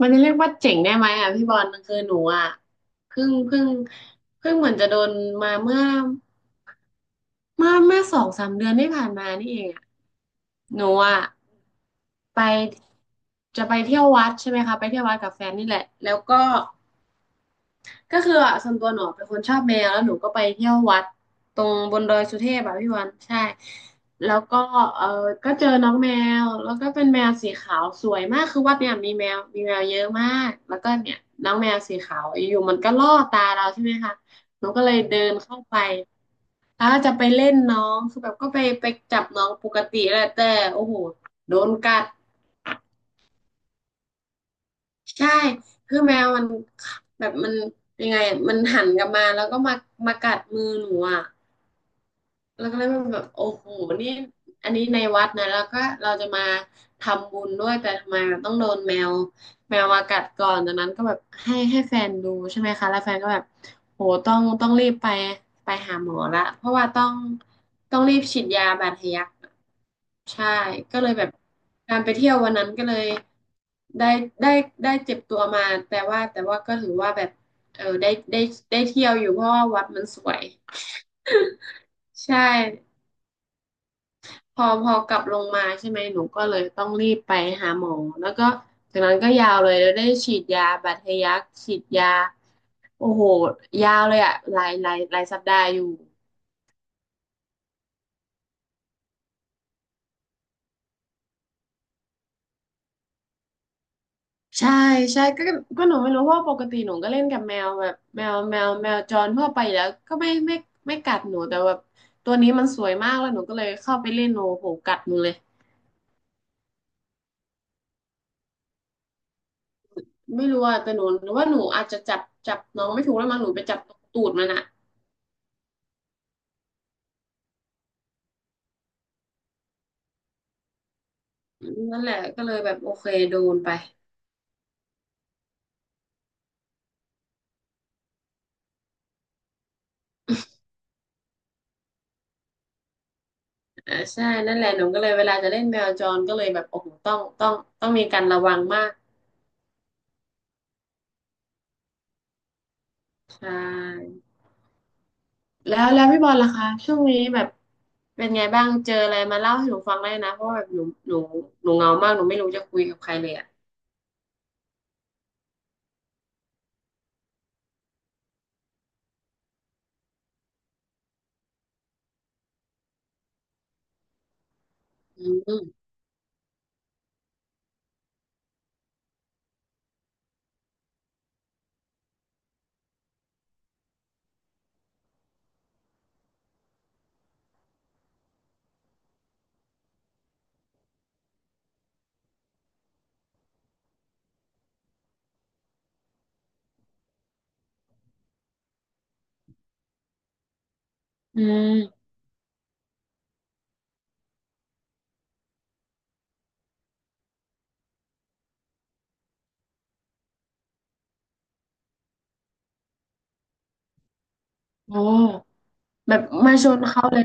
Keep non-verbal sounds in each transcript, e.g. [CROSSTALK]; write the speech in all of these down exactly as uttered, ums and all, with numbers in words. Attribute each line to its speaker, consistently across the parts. Speaker 1: มันจะเรียกว่าเจ๋งได้ไหมอ่ะพี่บอลมันคือหนูอ่ะเพิ่งเพิ่งเพิ่งเหมือนจะโดนมาเมื่อเมื่อเมื่อสองสามเดือนที่ผ่านมานี่เองอ่ะหนูอ่ะไปจะไปเที่ยววัดใช่ไหมคะไปเที่ยววัดกับแฟนนี่แหละแล้วก็ ก็คืออ่ะส่วนตัวหนูเป็นคนชอบแมวแล้วหนูก็ไปเที่ยววัดตรงบนดอยสุเทพอ่ะพี่วันใช่แล้วก็เออก็เจอน้องแมวแล้วก็เป็นแมวสีขาวสวยมากคือวัดเนี่ยมีแมวมีแมวเยอะมากแล้วก็เนี่ยน้องแมวสีขาวอยู่ๆมันก็ล่อตาเราใช่ไหมคะหนูก็เลยเดินเข้าไปถ้าจะไปเล่นน้องคือแบบก็ไปไปจับน้องปกติแหละแต่โอ้โหโดนกัด ใช่คือแมวมันแบบมันยังไงอะมันหันกลับมาแล้วก็มามากัดมือหนูอ่ะแล้วก็เลยแบบโอ้โหนี่อันนี้ในวัดนะ แล้วก็เราจะมาทำบุญด้วย แต่ทำไมมันต้องโดนแมวแมวมากัดก่อนจากนั้นก็แบบให้ให้แฟนดูใช่ไหมคะ แล้วแฟนก็แบบโหต้องต้องรีบไปไปหาหมอละเพราะว่าต้องต้องรีบฉีดยาบาดทะยัก ใช่ก็เลยแบบการไปเที่ยววันนั้นก็เลยได้ได้ได้เจ็บตัวมาแต่ว่าแต่ว่าก็ถือว่าแบบเออได้ได้ได้เที่ยวอยู่เพราะว่าวัดมันสวยใช่พอพอกลับลงมาใช่ไหมหนูก็เลยต้องรีบไปหาหมอแล้วก็จากนั้นก็ยาวเลยแล้วได้ฉีดยาบาดทะยักฉีดยาโอ้โหยาวเลยอะหลายหลายหลายสัปดาห์อยู่ ใช่ใช่ก็ก็หนูไม่รู้เพราะว่าปกติหนูก็เล่นกับแมวแบบแมวแมวแมวจรทั่วไปอยู่แล้วก็ไม่ไม่ไม่กัดหนูแต่แบบตัวนี้มันสวยมากแล้วหนูก็เลยเข้าไปเล่นหนูโหกัดหนูเลยไม่รู้อ่ะแต่หนูหนูว่าหนูอาจจะจับจับน้องไม่ถูกแล้วมั้งหนูไปจับตูดมันอ่ะนั่นแหละก็เลยแบบโอเคโดนไปอ่าใช่นั่นแหละหนูก็เลยเวลาจะเล่นแมวจรก็เลยแบบโอ้โหต้องต้องต้องมีการระวังมากใช่ แล้วแล้วพี่บอลล่ะคะช่วงนี้แบบเป็นไงบ้างเจออะไรมาเล่าให้หนูฟังได้นะเพราะว่าแบบหนูหนูหนูเหงามากหนูไม่รู้จะคุยกับใครเลยอ่ะอืมอืมโอ้แบบมาชนเขาเลย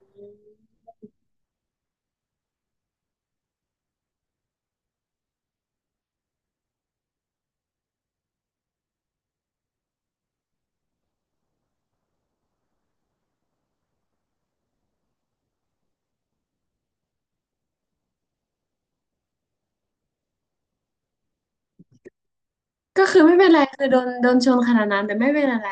Speaker 1: อืมก็คือไม่เป็นไรคือโดนโดนชนขนาดนั้นแต่ไม่เป็นอะไร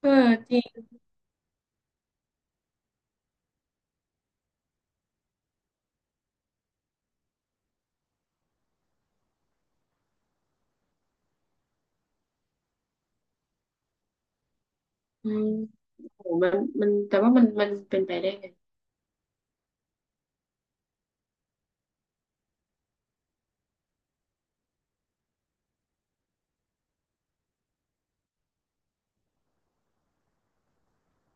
Speaker 1: เออจริงอืมโหมันมันแต่ว่ามันมันเป็นไปได้ไง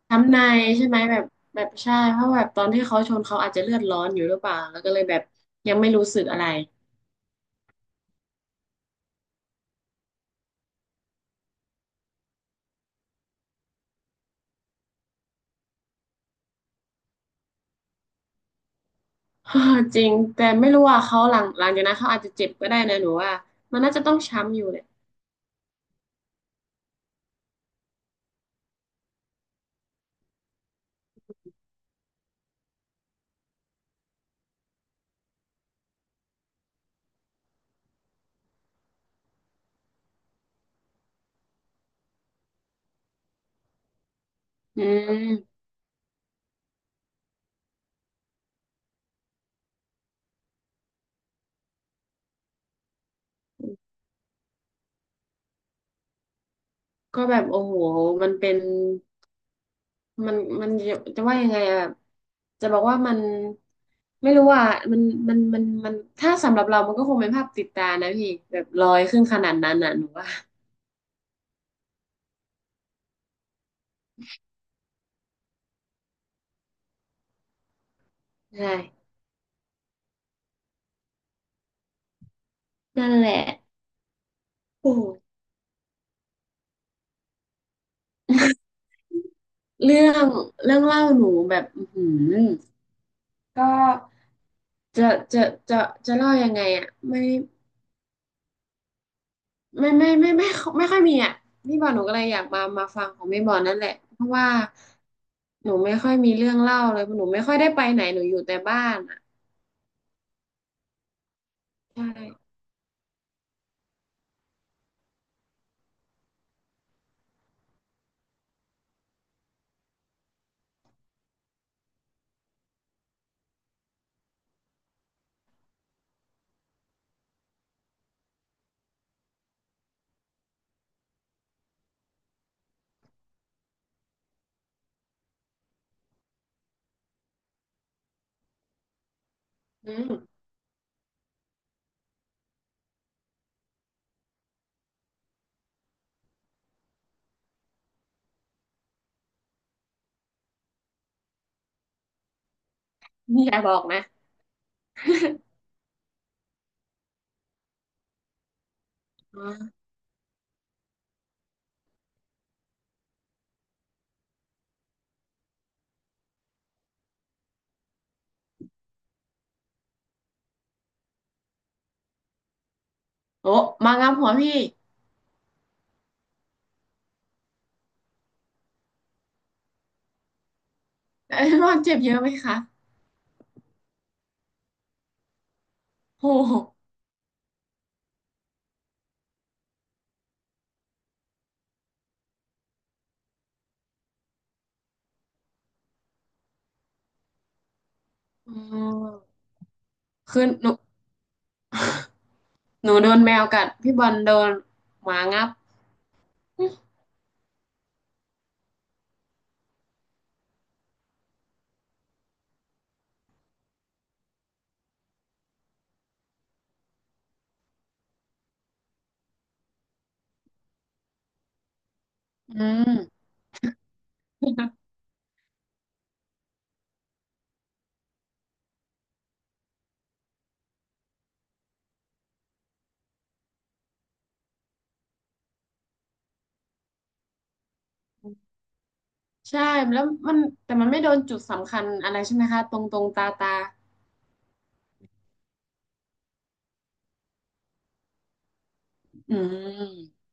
Speaker 1: ทำในายใช่ไหมแบบแบบใช่เพราะแบบตอนที่เขาชนเขาอาจจะเลือดร้อนอยู่หรือเปล่าแล้วก็เลยแบบยังไม่รู้สึกอะไร [LAUGHS] เอจริงแต่ไม่รู้ว่าเขาหลังหลังจากนั้นเขาอาจจะเจ็บก็ได้นะหนูว่ามันน่าจะต้องช้ำอยู่แหละอืมก็แบบโอ้โหมันเป็นมันมันจะจะว่ายังไงอะแบบจะบอกว่ามันไม่รู้ว่ามันมันมันมันถ้าสำหรับเรามันก็คงเป็นภาพติดตานะพี่แบบลอยขึ้นขนาดนั้นน่ะหนูว่าใช่นั่นแหละ [LAUGHS] โอ้เรื่องเรื่องเล่าหนูแบบอือหือก็จะจะจะจะเล่ายังไงอ่ะไม่ ไม่ไม่ไม่ไม่ไม่ค่อยมีอ่ะพี่บอลหนูก็เลยอยากมามาฟังของพี่บอลนั่นแหละเพราะว่าหนูไม่ค่อยมีเรื่องเล่าเลยหนูไม่ค่อยได้ไปไหนหนูอยู่แต่บ้านอ่ะใช่อืมนี่อย่าบอกนะอ๋อโอ้มางามหัวพี่แต่พี่บอลเจ็บเยอะไหมคะโอ้โหอืมคือหนูหนูโดนแมวกัดพี่บอลโดนหมางับอืมใช่แล้วมันแต่มันไม่โดนจุดสำคัญอะไรใช่ไหมคะตรงตรงตาตาอืม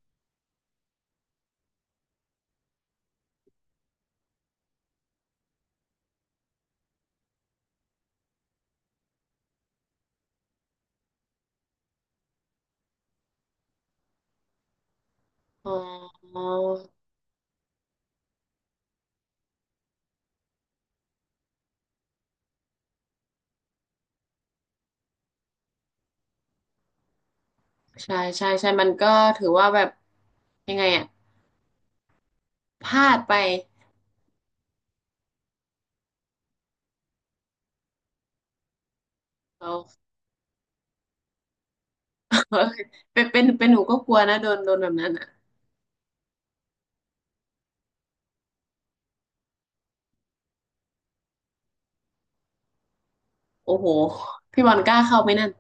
Speaker 1: อ๋อใช่ใช่ใช่มันก็ถือว่าแบบยังไงอะพลาดไปเรา [LAUGHS] เป็นเป็นเป็นหนูก็กลัวนะโดนโดนแบบนั้นอะโอ้โหพี่บอลกล้าเข้าไหมนั่น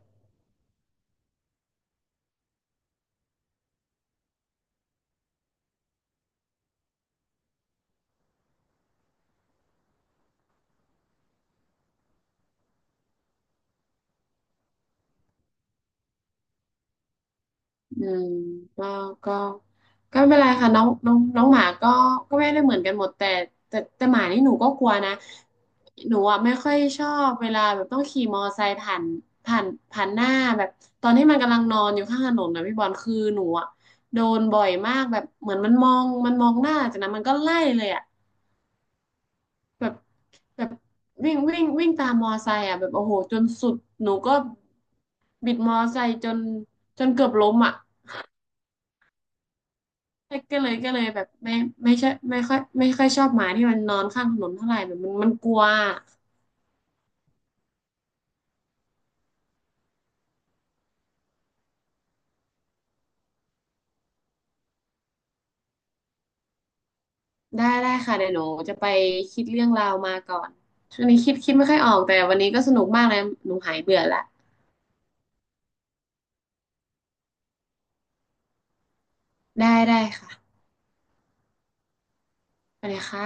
Speaker 1: อืมก็ก็ก็ไม่เป็นไรค่ะน้องน้องน้องหมาก็ก็ไม่ได้เหมือนกันหมดแต่แต่แต่หมานี่หนูก็กลัวนะหนูอ่ะไม่ค่อยชอบเวลาแบบต้องขี่มอไซค์ผ่านผ่านผ่านหน้าแบบตอนที่มันกำลังนอนอยู่ข้างถนนนะพี่บอลคือหนูอ่ะโดนบ่อยมากแบบเหมือนมันมองมันมองหน้าจากนั้นมันก็ไล่เลยอ่ะแบบแบบวิ่งวิ่งวิ่งตามมอไซค์อ่ะแบบโอ้โหจนสุดหนูก็บิดมอไซค์จนจนเกือบล้มอ่ะ ก็เลยก็เลยแบบไม่ไม่ใช่ไม่ค่อยไม่ค่อยชอบหมาที่มันนอนข้างถนนเท่าไหร่แบบมันมันกลัวได้ได้ค่ะเดี๋ยวหนูจะไปคิดเรื่องราวมาก่อนช่วงนี้คิดคิดไม่ค่อยออกแต่วันนี้ก็สนุกมากเลยหนูหายเบื่อละได้ได้ค่ะไปเลยค่ะ